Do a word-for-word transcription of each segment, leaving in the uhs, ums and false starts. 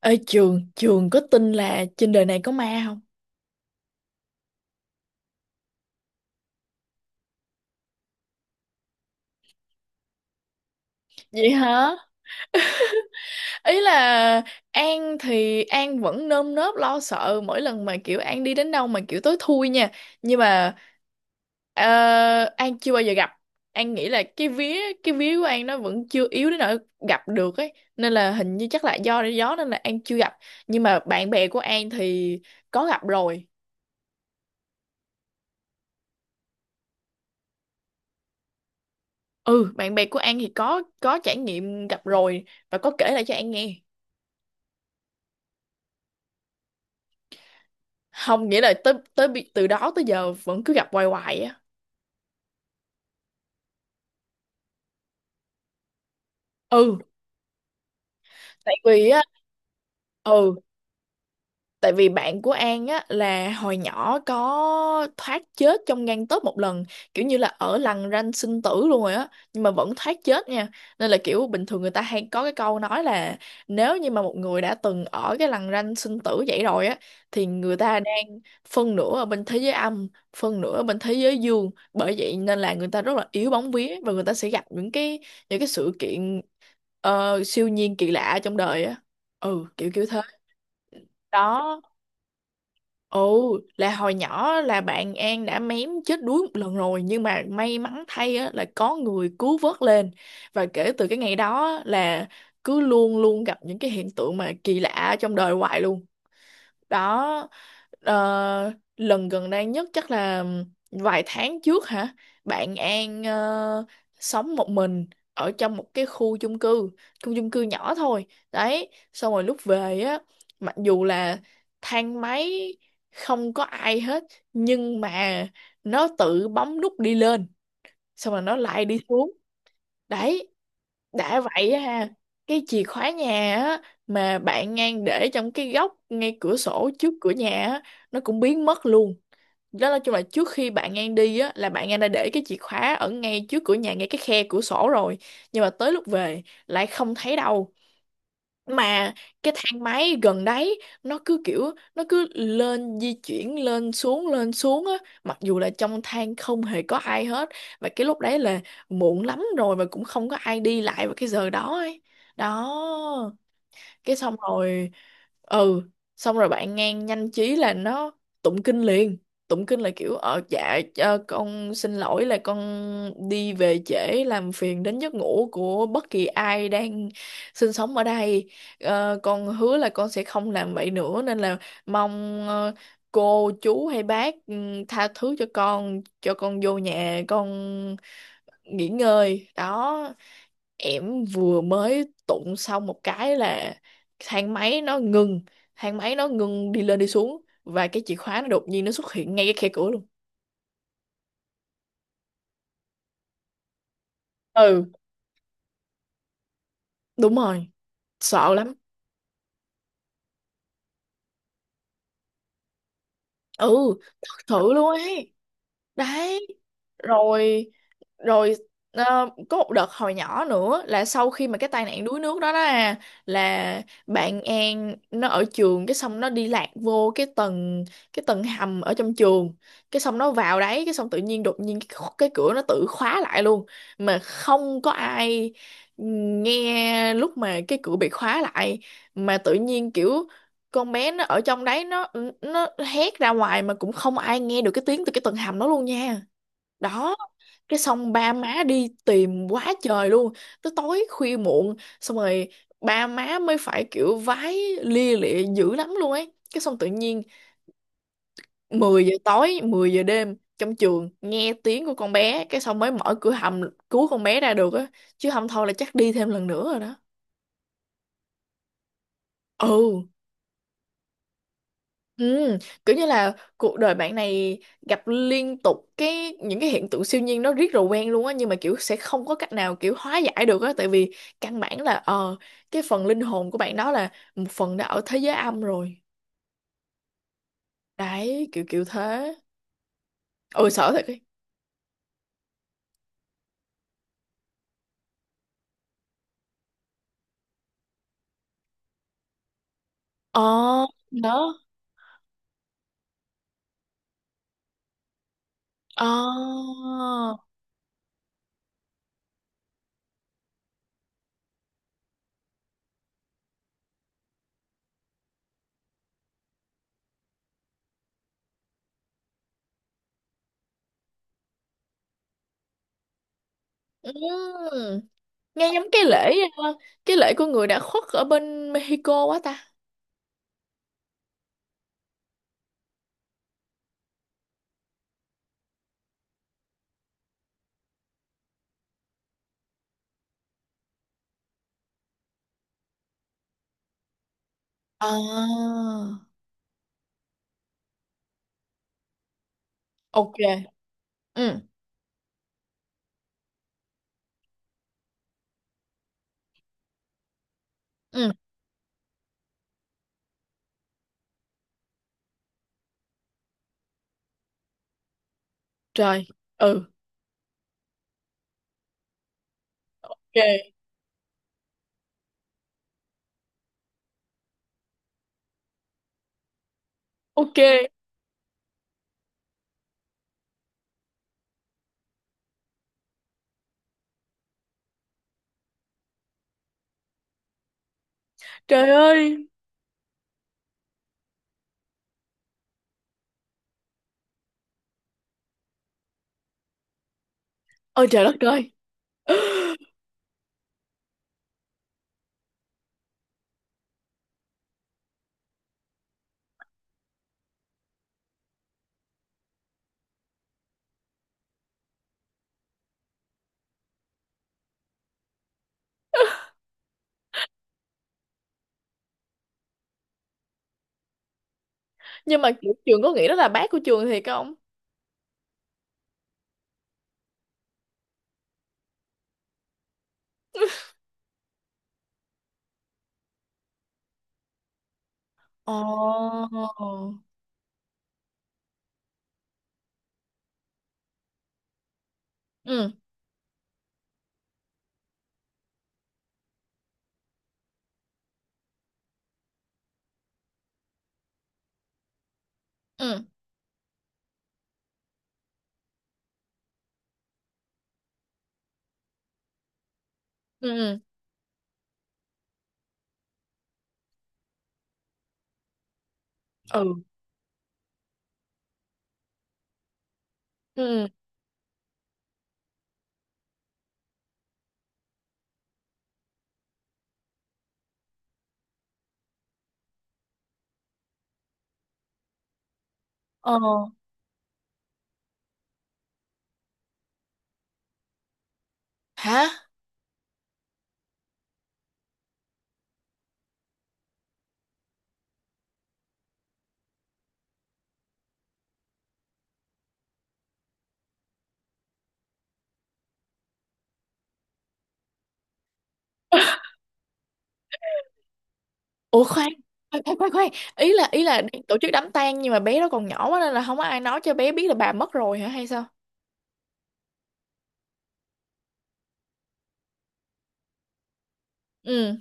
Ở trường trường có tin là trên đời này có ma không? Vậy hả? Ý là An thì An vẫn nơm nớp lo sợ mỗi lần mà kiểu An đi đến đâu mà kiểu tối thui nha, nhưng mà ờ, An chưa bao giờ gặp. An nghĩ là cái vía cái vía của An nó vẫn chưa yếu đến nỗi gặp được ấy, nên là hình như chắc là do gió nên là An chưa gặp. Nhưng mà bạn bè của An thì có gặp rồi. Ừ, bạn bè của An thì có có trải nghiệm gặp rồi, và có kể lại cho An nghe. Không, nghĩa là tới tới bi- từ đó tới giờ vẫn cứ gặp hoài hoài á. Ừ, tại vì á. Ừ. Tại vì bạn của An á là hồi nhỏ có thoát chết trong gang tấc một lần, kiểu như là ở lằn ranh sinh tử luôn rồi á, nhưng mà vẫn thoát chết nha. Nên là kiểu bình thường người ta hay có cái câu nói là, nếu như mà một người đã từng ở cái lằn ranh sinh tử vậy rồi á thì người ta đang phân nửa ở bên thế giới âm, phân nửa ở bên thế giới dương. Bởi vậy nên là người ta rất là yếu bóng vía, và người ta sẽ gặp những cái những cái sự kiện ờ, siêu nhiên kỳ lạ trong đời á. Ừ, kiểu kiểu thế. Đó. Ồ, là hồi nhỏ là bạn An đã mém chết đuối một lần rồi, nhưng mà may mắn thay á, là có người cứu vớt lên, và kể từ cái ngày đó á, là cứ luôn luôn gặp những cái hiện tượng mà kỳ lạ trong đời hoài luôn. Đó. Ờ, lần gần đây nhất chắc là vài tháng trước hả. Bạn An ờ, sống một mình ở trong một cái khu chung cư, khu chung cư nhỏ thôi. Đấy xong rồi lúc về á, mặc dù là thang máy không có ai hết, nhưng mà nó tự bấm nút đi lên, xong rồi nó lại đi xuống. Đấy, đã vậy ha, cái chìa khóa nhà á, mà bạn ngang để trong cái góc ngay cửa sổ trước cửa nhà á, nó cũng biến mất luôn. Đó là chung là trước khi bạn ngang đi á là bạn ngang đã để cái chìa khóa ở ngay trước cửa nhà ngay cái khe cửa sổ rồi, nhưng mà tới lúc về lại không thấy đâu. Mà cái thang máy gần đấy nó cứ kiểu nó cứ lên di chuyển lên xuống lên xuống á, mặc dù là trong thang không hề có ai hết. Và cái lúc đấy là muộn lắm rồi mà cũng không có ai đi lại vào cái giờ đó ấy. Đó, cái xong rồi. Ừ. Xong rồi bạn ngang nhanh trí là nó tụng kinh liền. Tụng kinh là kiểu ờ dạ ờ, con xin lỗi là con đi về trễ làm phiền đến giấc ngủ của bất kỳ ai đang sinh sống ở đây. Ờ, con hứa là con sẽ không làm vậy nữa, nên là mong ờ, cô chú hay bác, ừ, tha thứ cho con, cho con vô nhà con nghỉ ngơi. Đó, em vừa mới tụng xong một cái là thang máy nó ngừng, thang máy nó ngừng đi lên đi xuống, và cái chìa khóa nó đột nhiên nó xuất hiện ngay cái khe cửa luôn. Ừ, đúng rồi, sợ lắm. Ừ, thật sự luôn ấy. Đấy. Rồi, rồi, ờ, có một đợt hồi nhỏ nữa là sau khi mà cái tai nạn đuối nước đó đó à, là bạn An nó ở trường, cái xong nó đi lạc vô cái tầng, cái tầng hầm ở trong trường. Cái xong nó vào đấy cái xong tự nhiên đột nhiên cái, kho- cái cửa nó tự khóa lại luôn mà không có ai nghe lúc mà cái cửa bị khóa lại. Mà tự nhiên kiểu con bé nó ở trong đấy nó nó hét ra ngoài mà cũng không ai nghe được cái tiếng từ cái tầng hầm đó luôn nha. Đó, cái xong ba má đi tìm quá trời luôn, tới tối khuya muộn, xong rồi ba má mới phải kiểu vái lia lịa dữ lắm luôn ấy. Cái xong tự nhiên mười giờ tối, mười giờ đêm trong trường nghe tiếng của con bé, cái xong mới mở cửa hầm cứu con bé ra được á, chứ không thôi là chắc đi thêm lần nữa rồi đó. Ừ. Ừ, kiểu như là cuộc đời bạn này gặp liên tục cái những cái hiện tượng siêu nhiên nó riết rồi quen luôn á, nhưng mà kiểu sẽ không có cách nào kiểu hóa giải được á, tại vì căn bản là ờ cái phần linh hồn của bạn đó là một phần đã ở thế giới âm rồi. Đấy kiểu kiểu thế. Ôi sợ thật ấy. Ờ. Đó. Ờ. Ừ. Nghe giống cái lễ, ờ, cái lễ của người đã khuất ở bên Mexico quá ta. Ờ. Ok. Ừ. Ừ. Trời. Ừ. Ok, ok. Trời ơi. Ôi trời đất ơi. Nhưng mà kiểu trường có nghĩ đó là bác của trường thiệt không? Ồ. Ừ, ừ, ừ, ừ, ừ. Ờ. Hả? Ủa khoan. Khoan, khoan, khoan, khoan. Ý là, ý là đang tổ chức đám tang nhưng mà bé đó còn nhỏ quá nên là không có ai nói cho bé biết là bà mất rồi hả hay sao? Ừ.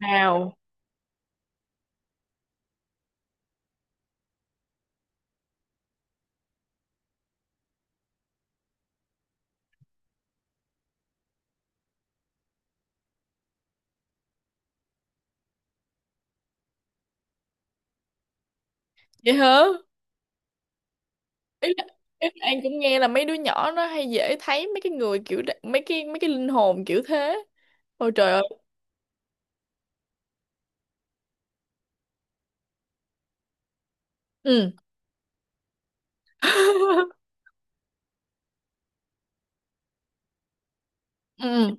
Wow. Vậy hả? Ý là, ý là An cũng nghe là mấy đứa nhỏ nó hay dễ thấy mấy cái người kiểu đ- mấy cái mấy cái linh hồn kiểu thế. Ôi trời ơi. Ừ. Ừ,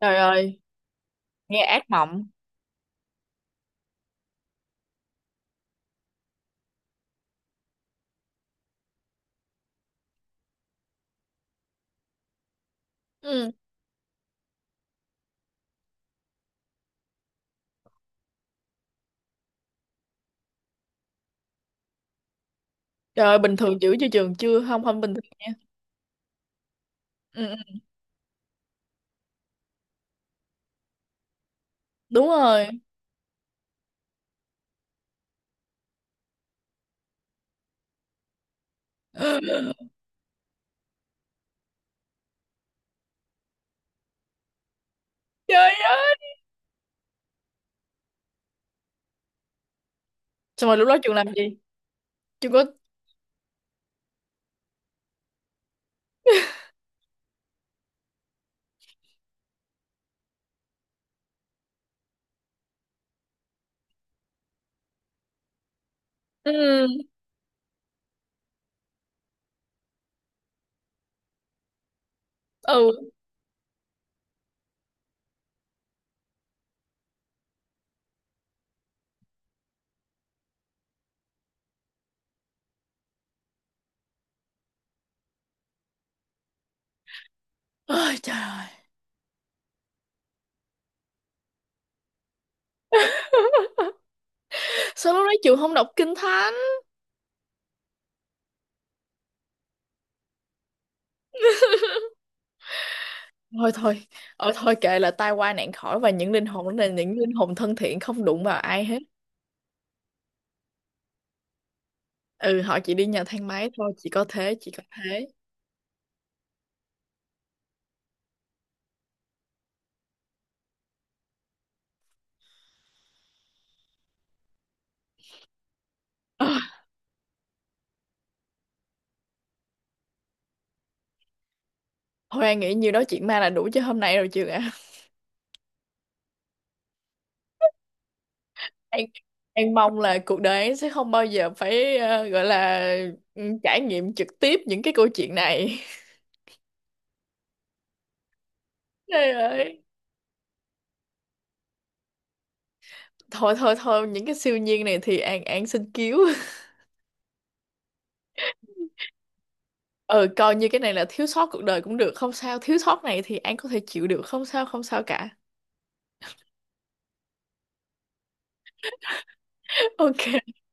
trời ơi nghe ác mộng. Ừ, trời ơi bình thường chữ chưa trường chưa không không bình thường nha. Ừ, ừ, đúng rồi. Trời ơi, xong rồi lúc đó trường làm gì, trường có? Ừ. Ừ. Ôi trời ơi, sao lúc đó trường không đọc kinh thánh? Thôi thôi. Ờ thôi kệ, là tai qua nạn khỏi, và những linh hồn đó là những linh hồn thân thiện, không đụng vào ai hết. Ừ, họ chỉ đi nhờ thang máy thôi, chỉ có thế, chỉ có thế. Ờ, thôi An nghĩ nhiêu đó chuyện ma là đủ cho hôm nay rồi trường ạ. An, An mong là cuộc đời An sẽ không bao giờ phải, ờ, gọi là, ừ, trải nghiệm trực tiếp những cái câu chuyện này. Trời ơi. Thôi thôi thôi, những cái siêu nhiên này thì An, An xin cứu. Ừ, coi như cái này là thiếu sót cuộc đời cũng được, không sao. Thiếu sót này thì An có thể chịu được, không sao, không sao cả.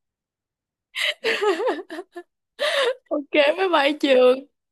Ok, ok, bye bye trường.